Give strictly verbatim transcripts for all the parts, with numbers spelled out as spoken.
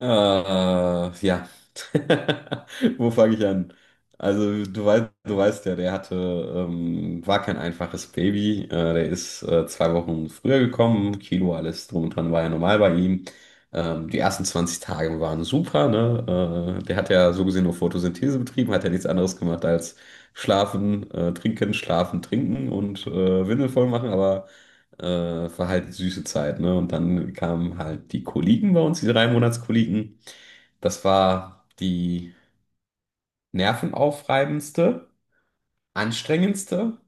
Äh, ja. Wo fange ich an? Also, du weißt, du weißt ja, der hatte, ähm, war kein einfaches Baby. Äh, der ist äh, zwei Wochen früher gekommen. Kilo, alles drum und dran war ja normal bei ihm. Ähm, die ersten zwanzig Tage waren super, ne? Äh, der hat ja so gesehen nur Photosynthese betrieben, hat ja nichts anderes gemacht als schlafen, äh, trinken, schlafen, trinken und äh, Windel voll machen, aber äh, war halt eine süße Zeit, ne? Und dann kamen halt die Kollegen bei uns, die drei Monatskollegen. Das war die nervenaufreibendste, anstrengendste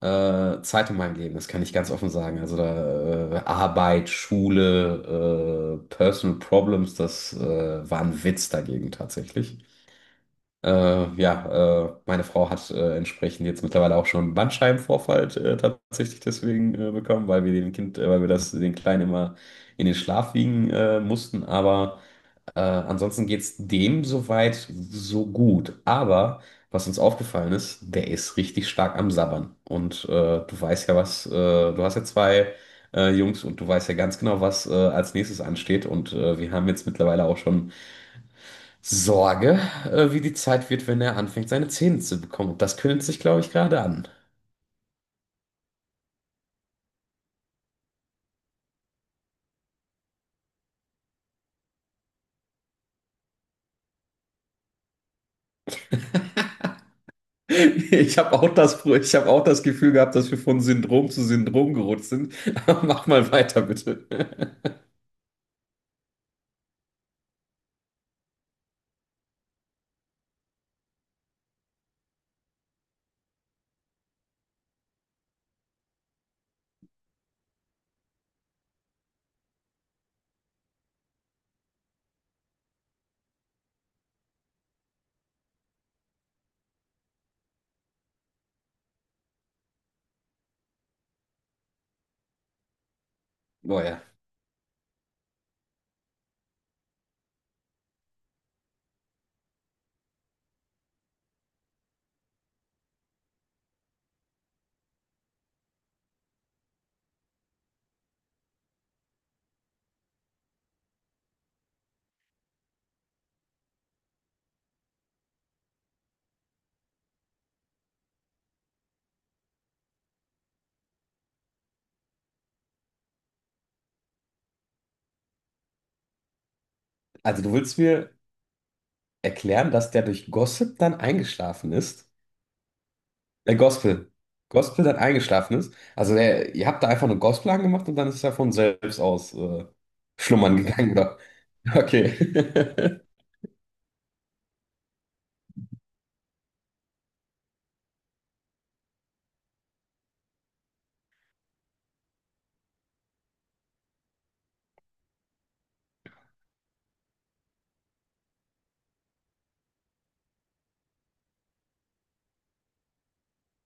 äh, Zeit in meinem Leben, das kann ich ganz offen sagen. Also da äh, Arbeit, Schule, äh, Personal Problems, das äh, war ein Witz dagegen tatsächlich. Äh, ja, äh, meine Frau hat äh, entsprechend jetzt mittlerweile auch schon einen Bandscheibenvorfall äh, tatsächlich deswegen äh, bekommen, weil wir den Kind, äh, weil wir das den Kleinen immer in den Schlaf wiegen äh, mussten. Aber äh, ansonsten geht's dem soweit so gut. Aber was uns aufgefallen ist, der ist richtig stark am Sabbern. Und äh, du weißt ja was, äh, du hast ja zwei äh, Jungs und du weißt ja ganz genau, was äh, als nächstes ansteht. Und äh, wir haben jetzt mittlerweile auch schon Sorge, äh, wie die Zeit wird, wenn er anfängt, seine Zähne zu bekommen. Und das kündigt sich, glaube ich, gerade an. Ich habe auch das, ich habe auch das Gefühl gehabt, dass wir von Syndrom zu Syndrom gerutscht sind. Aber mach mal weiter, bitte. Boah, ja. Also du willst mir erklären, dass der durch Gossip dann eingeschlafen ist? Äh, Gospel. Gospel dann eingeschlafen ist. Also der, ihr habt da einfach eine Gospel angemacht und dann ist er von selbst aus äh, schlummern gegangen, oder? Okay.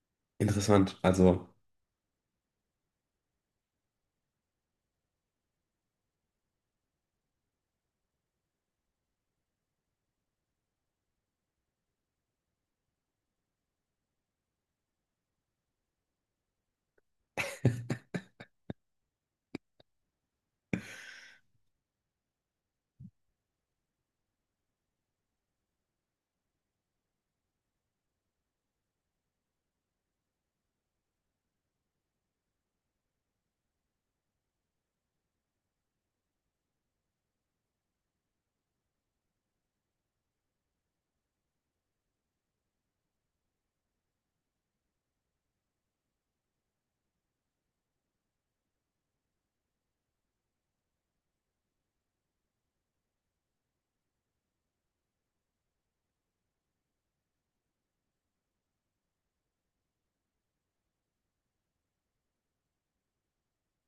Interessant. Also,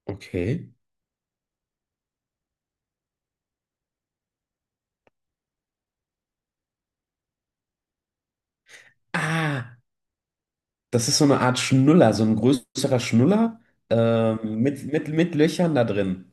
okay. Ah, das ist so eine Art Schnuller, so ein größerer Schnuller äh, mit, mit, mit Löchern da drin.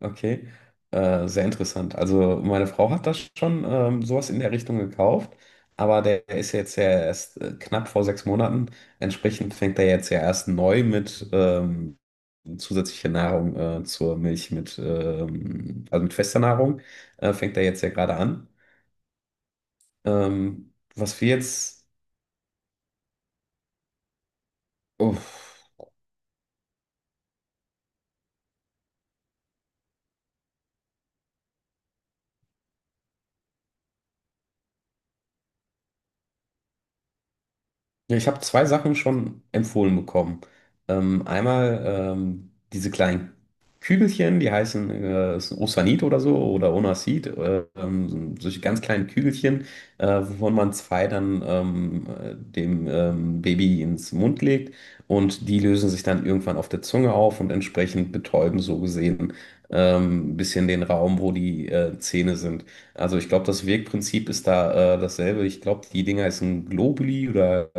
Okay, äh, sehr interessant. Also meine Frau hat das schon ähm, sowas in der Richtung gekauft, aber der ist jetzt ja erst äh, knapp vor sechs Monaten. Entsprechend fängt er jetzt ja erst neu mit ähm, zusätzlicher Nahrung äh, zur Milch mit, ähm, also mit fester Nahrung, äh, fängt er jetzt ja gerade an. Ähm, was wir jetzt... Uff. Ja, Ich habe zwei Sachen schon empfohlen bekommen. Ähm, einmal ähm, diese kleinen Kügelchen, die heißen äh, ist ein Osanit oder so oder Onasit, äh, ähm, so solche ganz kleinen Kügelchen, äh, wovon man zwei dann ähm, äh, dem ähm, Baby ins Mund legt und die lösen sich dann irgendwann auf der Zunge auf und entsprechend betäuben so gesehen ähm, ein bisschen den Raum, wo die äh, Zähne sind. Also ich glaube, das Wirkprinzip ist da äh, dasselbe. Ich glaube, die Dinger heißen Globuli oder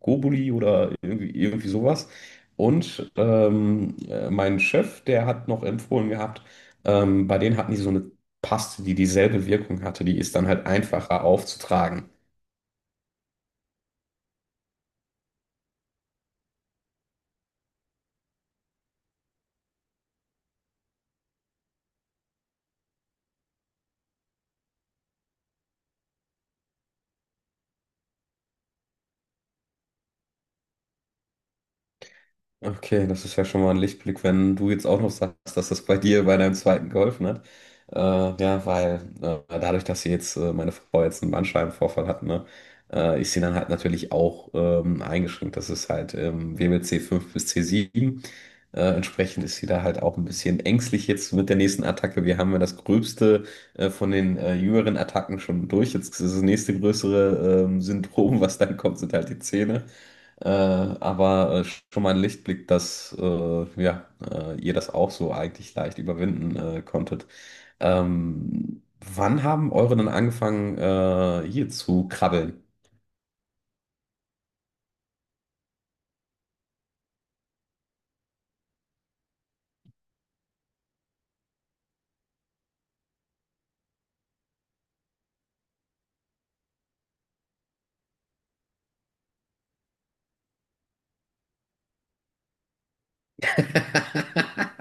Gobuli oder irgendwie, irgendwie sowas. Und ähm, äh, mein Chef, der hat noch empfohlen gehabt, ähm, bei denen hatten die so eine Paste, die dieselbe Wirkung hatte. Die ist dann halt einfacher aufzutragen. Okay, das ist ja schon mal ein Lichtblick, wenn du jetzt auch noch sagst, dass das bei dir bei deinem zweiten geholfen hat. Äh, ja, weil äh, dadurch, dass sie jetzt, äh, meine Frau jetzt einen Bandscheibenvorfall hat, ne, äh, ist sie dann halt natürlich auch ähm, eingeschränkt. Das ist halt ähm, W B C fünf bis c sieben. Äh, entsprechend ist sie da halt auch ein bisschen ängstlich jetzt mit der nächsten Attacke. Wir haben ja das Gröbste äh, von den äh, jüngeren Attacken schon durch. Jetzt ist das nächste größere ähm, Syndrom, was dann kommt, sind halt die Zähne. Äh, aber äh, schon mal ein Lichtblick, dass äh, ja, äh, ihr das auch so eigentlich leicht überwinden äh, konntet. Ähm, wann haben eure denn angefangen, äh, hier zu krabbeln?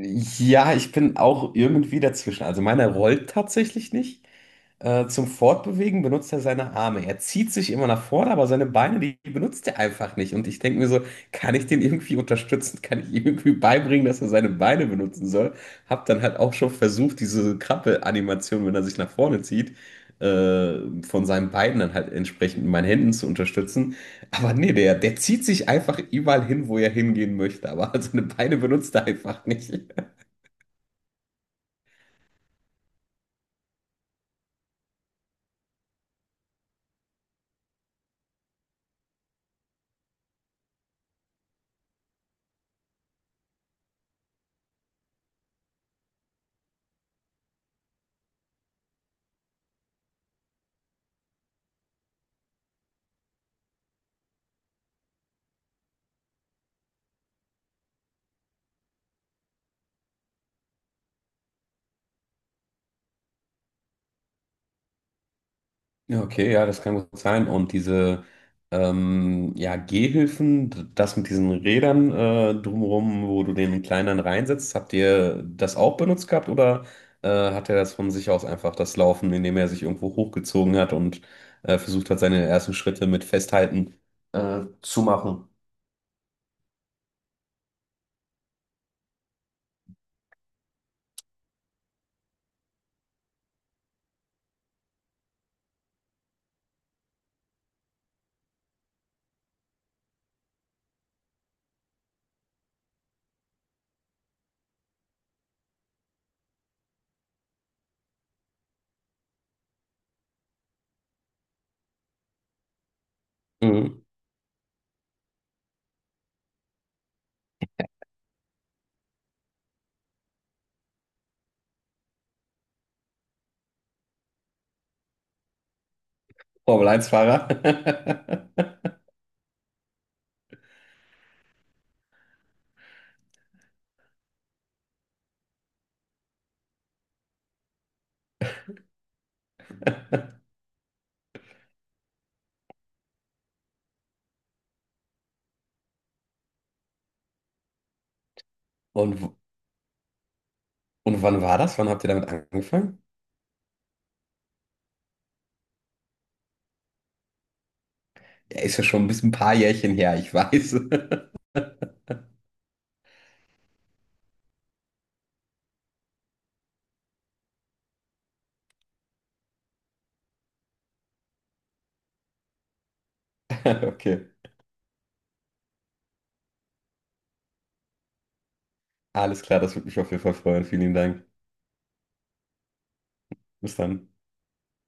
Ja, ich bin auch irgendwie dazwischen. Also meiner rollt tatsächlich nicht. Äh, zum Fortbewegen benutzt er seine Arme. Er zieht sich immer nach vorne, aber seine Beine, die benutzt er einfach nicht. Und ich denke mir so, kann ich den irgendwie unterstützen? Kann ich ihm irgendwie beibringen, dass er seine Beine benutzen soll? Hab dann halt auch schon versucht, diese Krabbel-Animation, wenn er sich nach vorne zieht, äh, von seinen Beinen dann halt entsprechend mit meinen Händen zu unterstützen. Aber nee, der, der zieht sich einfach überall hin, wo er hingehen möchte. Aber seine Beine benutzt er einfach nicht. Ja, Okay, ja, das kann gut sein. Und diese ähm, ja, Gehhilfen, d- das mit diesen Rädern äh, drumherum, wo du den Kleineren reinsetzt, habt ihr das auch benutzt gehabt oder äh, hat er das von sich aus einfach das Laufen, indem er sich irgendwo hochgezogen hat und äh, versucht hat, seine ersten Schritte mit Festhalten äh, zu machen? Mhm. Formel eins Fahrer. Und, w- und wann war das? Wann habt ihr damit angefangen? Ja, ist ja schon ein bisschen ein paar Jährchen her, ich weiß. Okay. Alles klar, das würde mich auf jeden Fall freuen. Vielen lieben Dank. Bis dann.